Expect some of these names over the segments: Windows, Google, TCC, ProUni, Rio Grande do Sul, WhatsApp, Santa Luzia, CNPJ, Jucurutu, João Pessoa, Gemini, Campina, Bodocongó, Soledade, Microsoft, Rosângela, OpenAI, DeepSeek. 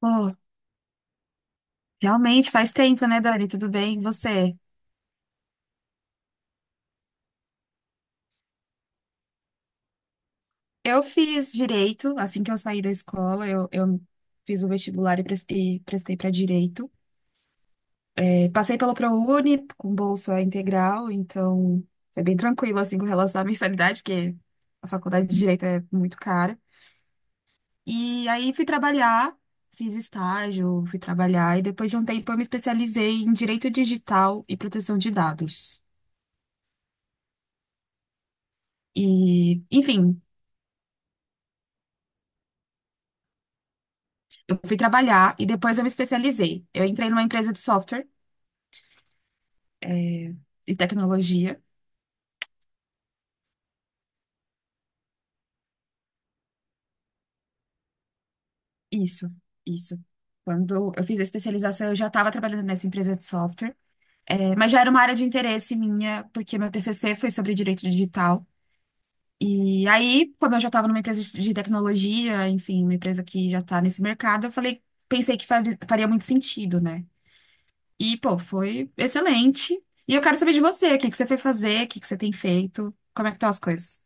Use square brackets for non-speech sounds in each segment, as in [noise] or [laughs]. Pô, realmente faz tempo, né, Dani? Tudo bem? E você? Eu fiz direito assim que eu saí da escola. Eu fiz o vestibular e prestei para direito. É, passei pelo ProUni com bolsa integral, então foi bem tranquilo assim com relação à [laughs] mensalidade, porque a faculdade de direito é muito cara. E aí fui trabalhar, fiz estágio, fui trabalhar e depois de um tempo eu me especializei em direito digital e proteção de dados. E, enfim, eu fui trabalhar e depois eu me especializei. Eu entrei numa empresa de software e tecnologia. Isso, isso. Quando eu fiz a especialização, eu já estava trabalhando nessa empresa de software. É, mas já era uma área de interesse minha, porque meu TCC foi sobre direito digital. E aí, como eu já estava numa empresa de tecnologia, enfim, uma empresa que já está nesse mercado, eu falei, pensei que faria muito sentido, né? E, pô, foi excelente. E eu quero saber de você, o que que você foi fazer, o que que você tem feito, como é que estão as coisas?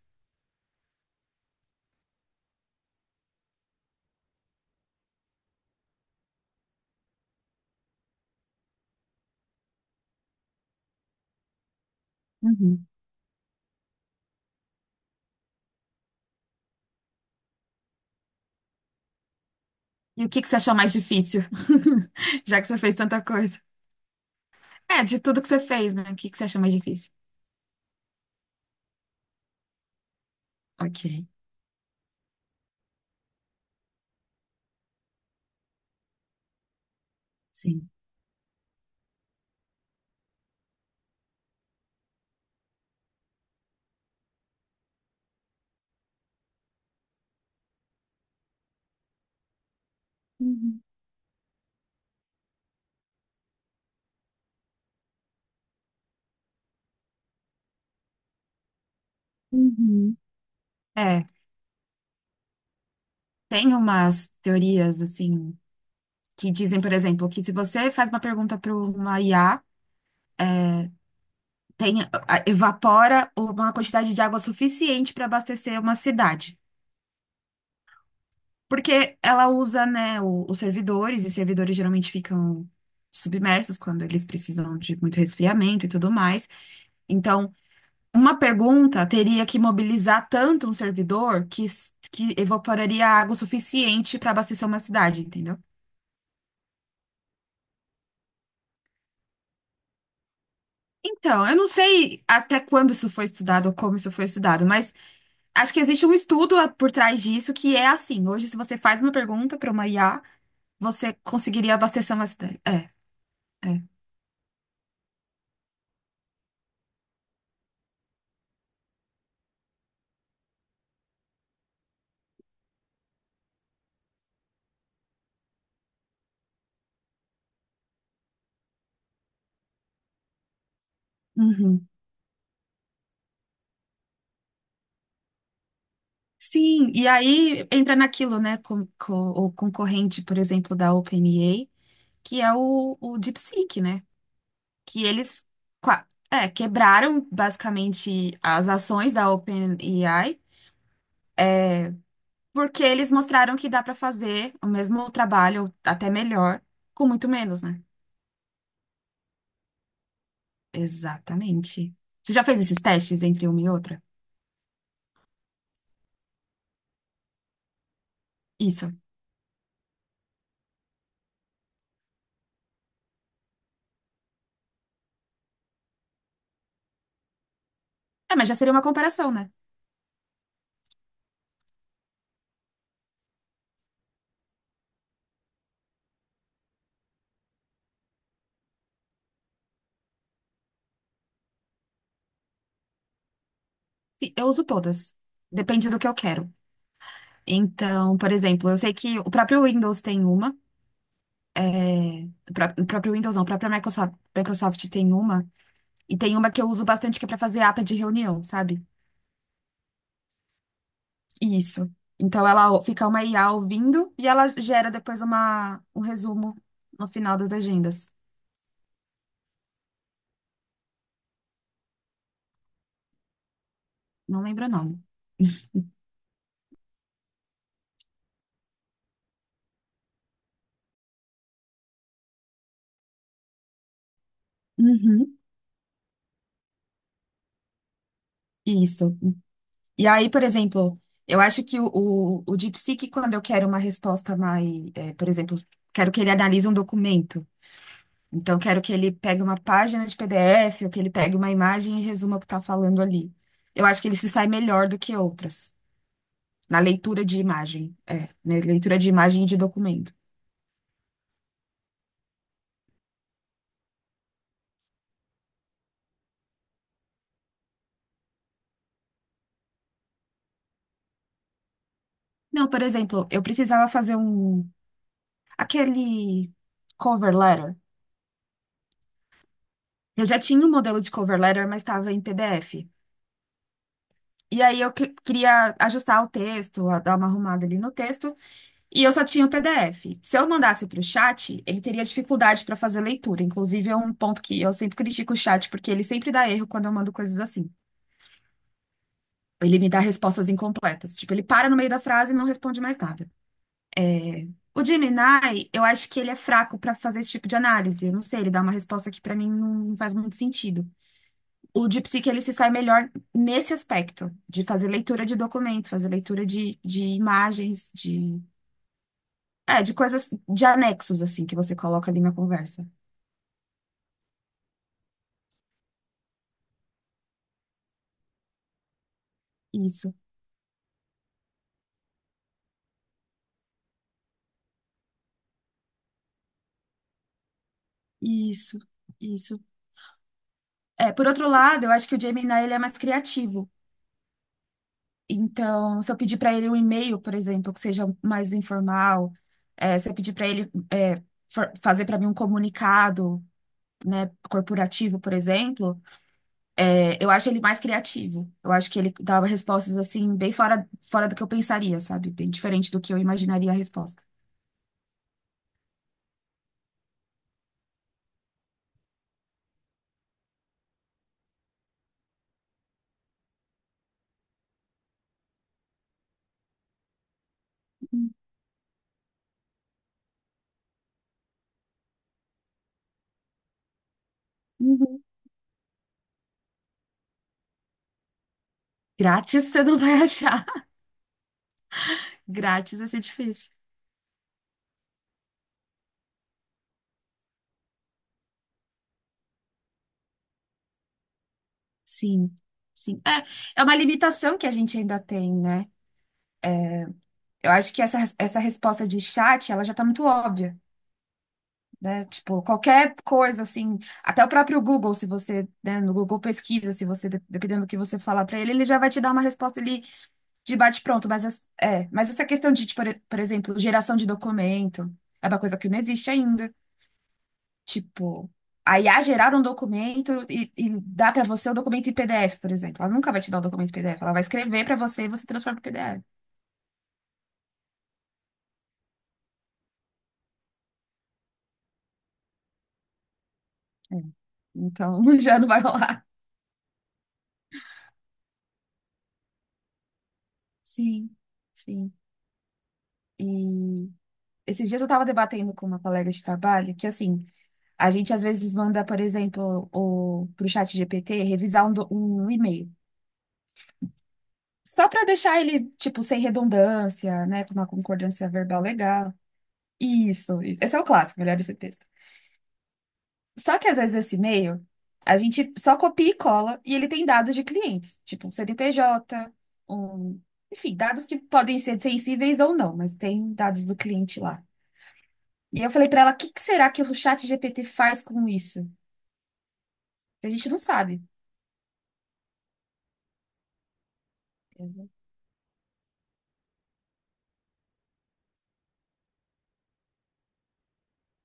E o que que você achou mais difícil? [laughs] Já que você fez tanta coisa. É, de tudo que você fez, né? O que que você achou mais difícil? Ok, sim. Uhum. Uhum. É, tem umas teorias assim que dizem, por exemplo, que se você faz uma pergunta para uma IA, é, tem, evapora uma quantidade de água suficiente para abastecer uma cidade. Porque ela usa, né, os servidores, e servidores geralmente ficam submersos quando eles precisam de muito resfriamento e tudo mais. Então, uma pergunta teria que mobilizar tanto um servidor que, que evaporaria água o suficiente para abastecer uma cidade, entendeu? Então, eu não sei até quando isso foi estudado ou como isso foi estudado, mas acho que existe um estudo por trás disso que é assim. Hoje, se você faz uma pergunta para uma IA, você conseguiria abastecer uma cidade. É, é. Uhum. Sim, e aí entra naquilo, né, com o concorrente, por exemplo, da OpenAI, que é o DeepSeek, né? Que eles é, quebraram basicamente as ações da OpenAI, é, porque eles mostraram que dá para fazer o mesmo trabalho, ou até melhor, com muito menos, né? Exatamente. Você já fez esses testes entre uma e outra? Isso. É, mas já seria uma comparação, né? E eu uso todas. Depende do que eu quero. Então, por exemplo, eu sei que o próprio Windows tem uma. É, o o próprio Windows não, a própria Microsoft tem uma. E tem uma que eu uso bastante que é pra fazer ata de reunião, sabe? Isso. Então ela fica uma IA ouvindo e ela gera depois uma, um resumo no final das agendas. Não lembro o nome. Uhum. Isso. E aí, por exemplo, eu acho que o DeepSeek, quando eu quero uma resposta mais, é, por exemplo, quero que ele analise um documento. Então, quero que ele pegue uma página de PDF ou que ele pegue uma imagem e resuma o que está falando ali. Eu acho que ele se sai melhor do que outras. Na leitura de imagem, é, na leitura de imagem e de documento. Não, por exemplo, eu precisava fazer um, aquele cover letter. Eu já tinha um modelo de cover letter, mas estava em PDF. E aí eu queria ajustar o texto, dar uma arrumada ali no texto, e eu só tinha o PDF. Se eu mandasse para o chat, ele teria dificuldade para fazer leitura. Inclusive, é um ponto que eu sempre critico o chat, porque ele sempre dá erro quando eu mando coisas assim. Ele me dá respostas incompletas. Tipo, ele para no meio da frase e não responde mais nada. O Gemini, eu acho que ele é fraco pra fazer esse tipo de análise. Eu não sei, ele dá uma resposta que pra mim não faz muito sentido. O DeepSeek, ele se sai melhor nesse aspecto, de fazer leitura de documentos, fazer leitura de imagens, de, é, de coisas, de anexos, assim, que você coloca ali na conversa. Isso, isso, isso. É, por outro lado, eu acho que o Gemini, ele é mais criativo. Então, se eu pedir para ele um e-mail, por exemplo, que seja mais informal, se eu pedir para ele fazer para mim um comunicado, né, corporativo, por exemplo, eu acho ele mais criativo. Eu acho que ele dava respostas assim bem fora, fora do que eu pensaria, sabe? Bem diferente do que eu imaginaria a resposta. Uhum. Grátis [laughs] você não vai [laughs] achar. Grátis vai ser difícil. Sim, sim. É, é uma limitação que a gente ainda tem, né? Eu acho que essa resposta de chat, ela já tá muito óbvia, né? Tipo, qualquer coisa assim, até o próprio Google, se você, né, no Google pesquisa, se você, dependendo do que você falar para ele, ele já vai te dar uma resposta ali de bate-pronto. Mas, é, mas essa questão de, tipo, por exemplo, geração de documento, é uma coisa que não existe ainda. Tipo, a IA gerar um documento e dá para você o documento em PDF, por exemplo. Ela nunca vai te dar o documento em PDF, ela vai escrever para você e você transforma em PDF. É. Então, [laughs] já não vai rolar. Sim, sim. E esses dias eu estava debatendo com uma colega de trabalho que, assim, a gente às vezes manda, por exemplo, o, pro chat GPT revisar um, um e-mail. Só para deixar ele, tipo, sem redundância, né? Com uma concordância verbal legal. Isso, isso. Esse é o clássico, melhor esse texto. Só que às vezes esse e-mail, a gente só copia e cola e ele tem dados de clientes, tipo um CNPJ, um... enfim, dados que podem ser sensíveis ou não, mas tem dados do cliente lá. E eu falei para ela, o que que será que o chat GPT faz com isso? A gente não sabe.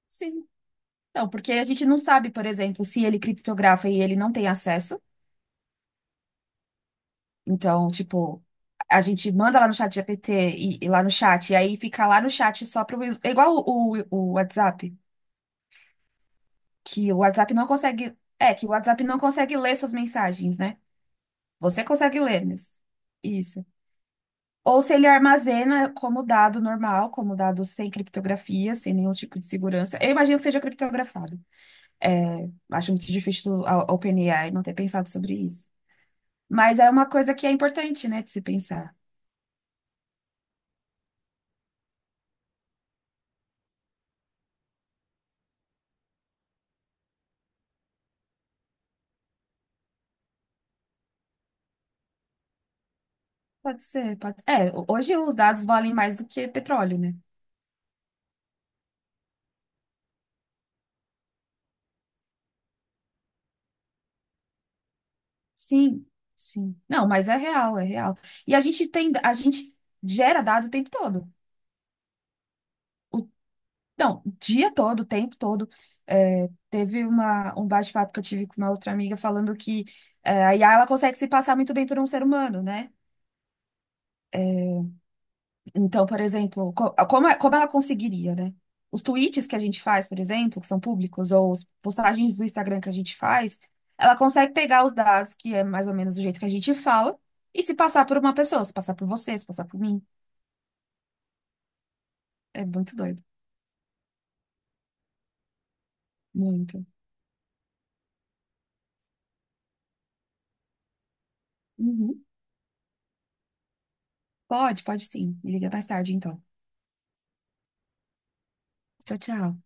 Sim. Não, porque a gente não sabe, por exemplo, se ele criptografa e ele não tem acesso. Então, tipo, a gente manda lá no chat GPT e lá no chat, e aí fica lá no chat só pro. É igual o WhatsApp, que o WhatsApp não consegue. É, que o WhatsApp não consegue ler suas mensagens, né? Você consegue ler, mas. Isso. Ou se ele armazena como dado normal, como dado sem criptografia, sem nenhum tipo de segurança. Eu imagino que seja criptografado. É, acho muito difícil a OpenAI não ter pensado sobre isso. Mas é uma coisa que é importante, né, de se pensar. Pode ser, pode ser. É, hoje os dados valem mais do que petróleo, né? Sim, sim. Não, mas é real, é real. E a gente tem, a gente gera dado o tempo todo. O, não, o dia todo, o tempo todo. É, teve uma, um bate-papo que eu tive com uma outra amiga falando que é, a IA ela consegue se passar muito bem por um ser humano, né? É, então, por exemplo, como ela conseguiria, né? Os tweets que a gente faz, por exemplo, que são públicos, ou as postagens do Instagram que a gente faz, ela consegue pegar os dados, que é mais ou menos o jeito que a gente fala, e se passar por uma pessoa, se passar por você, se passar por mim. É muito doido. Muito. Uhum. Pode, pode sim. Me liga mais tarde, então. Tchau, tchau.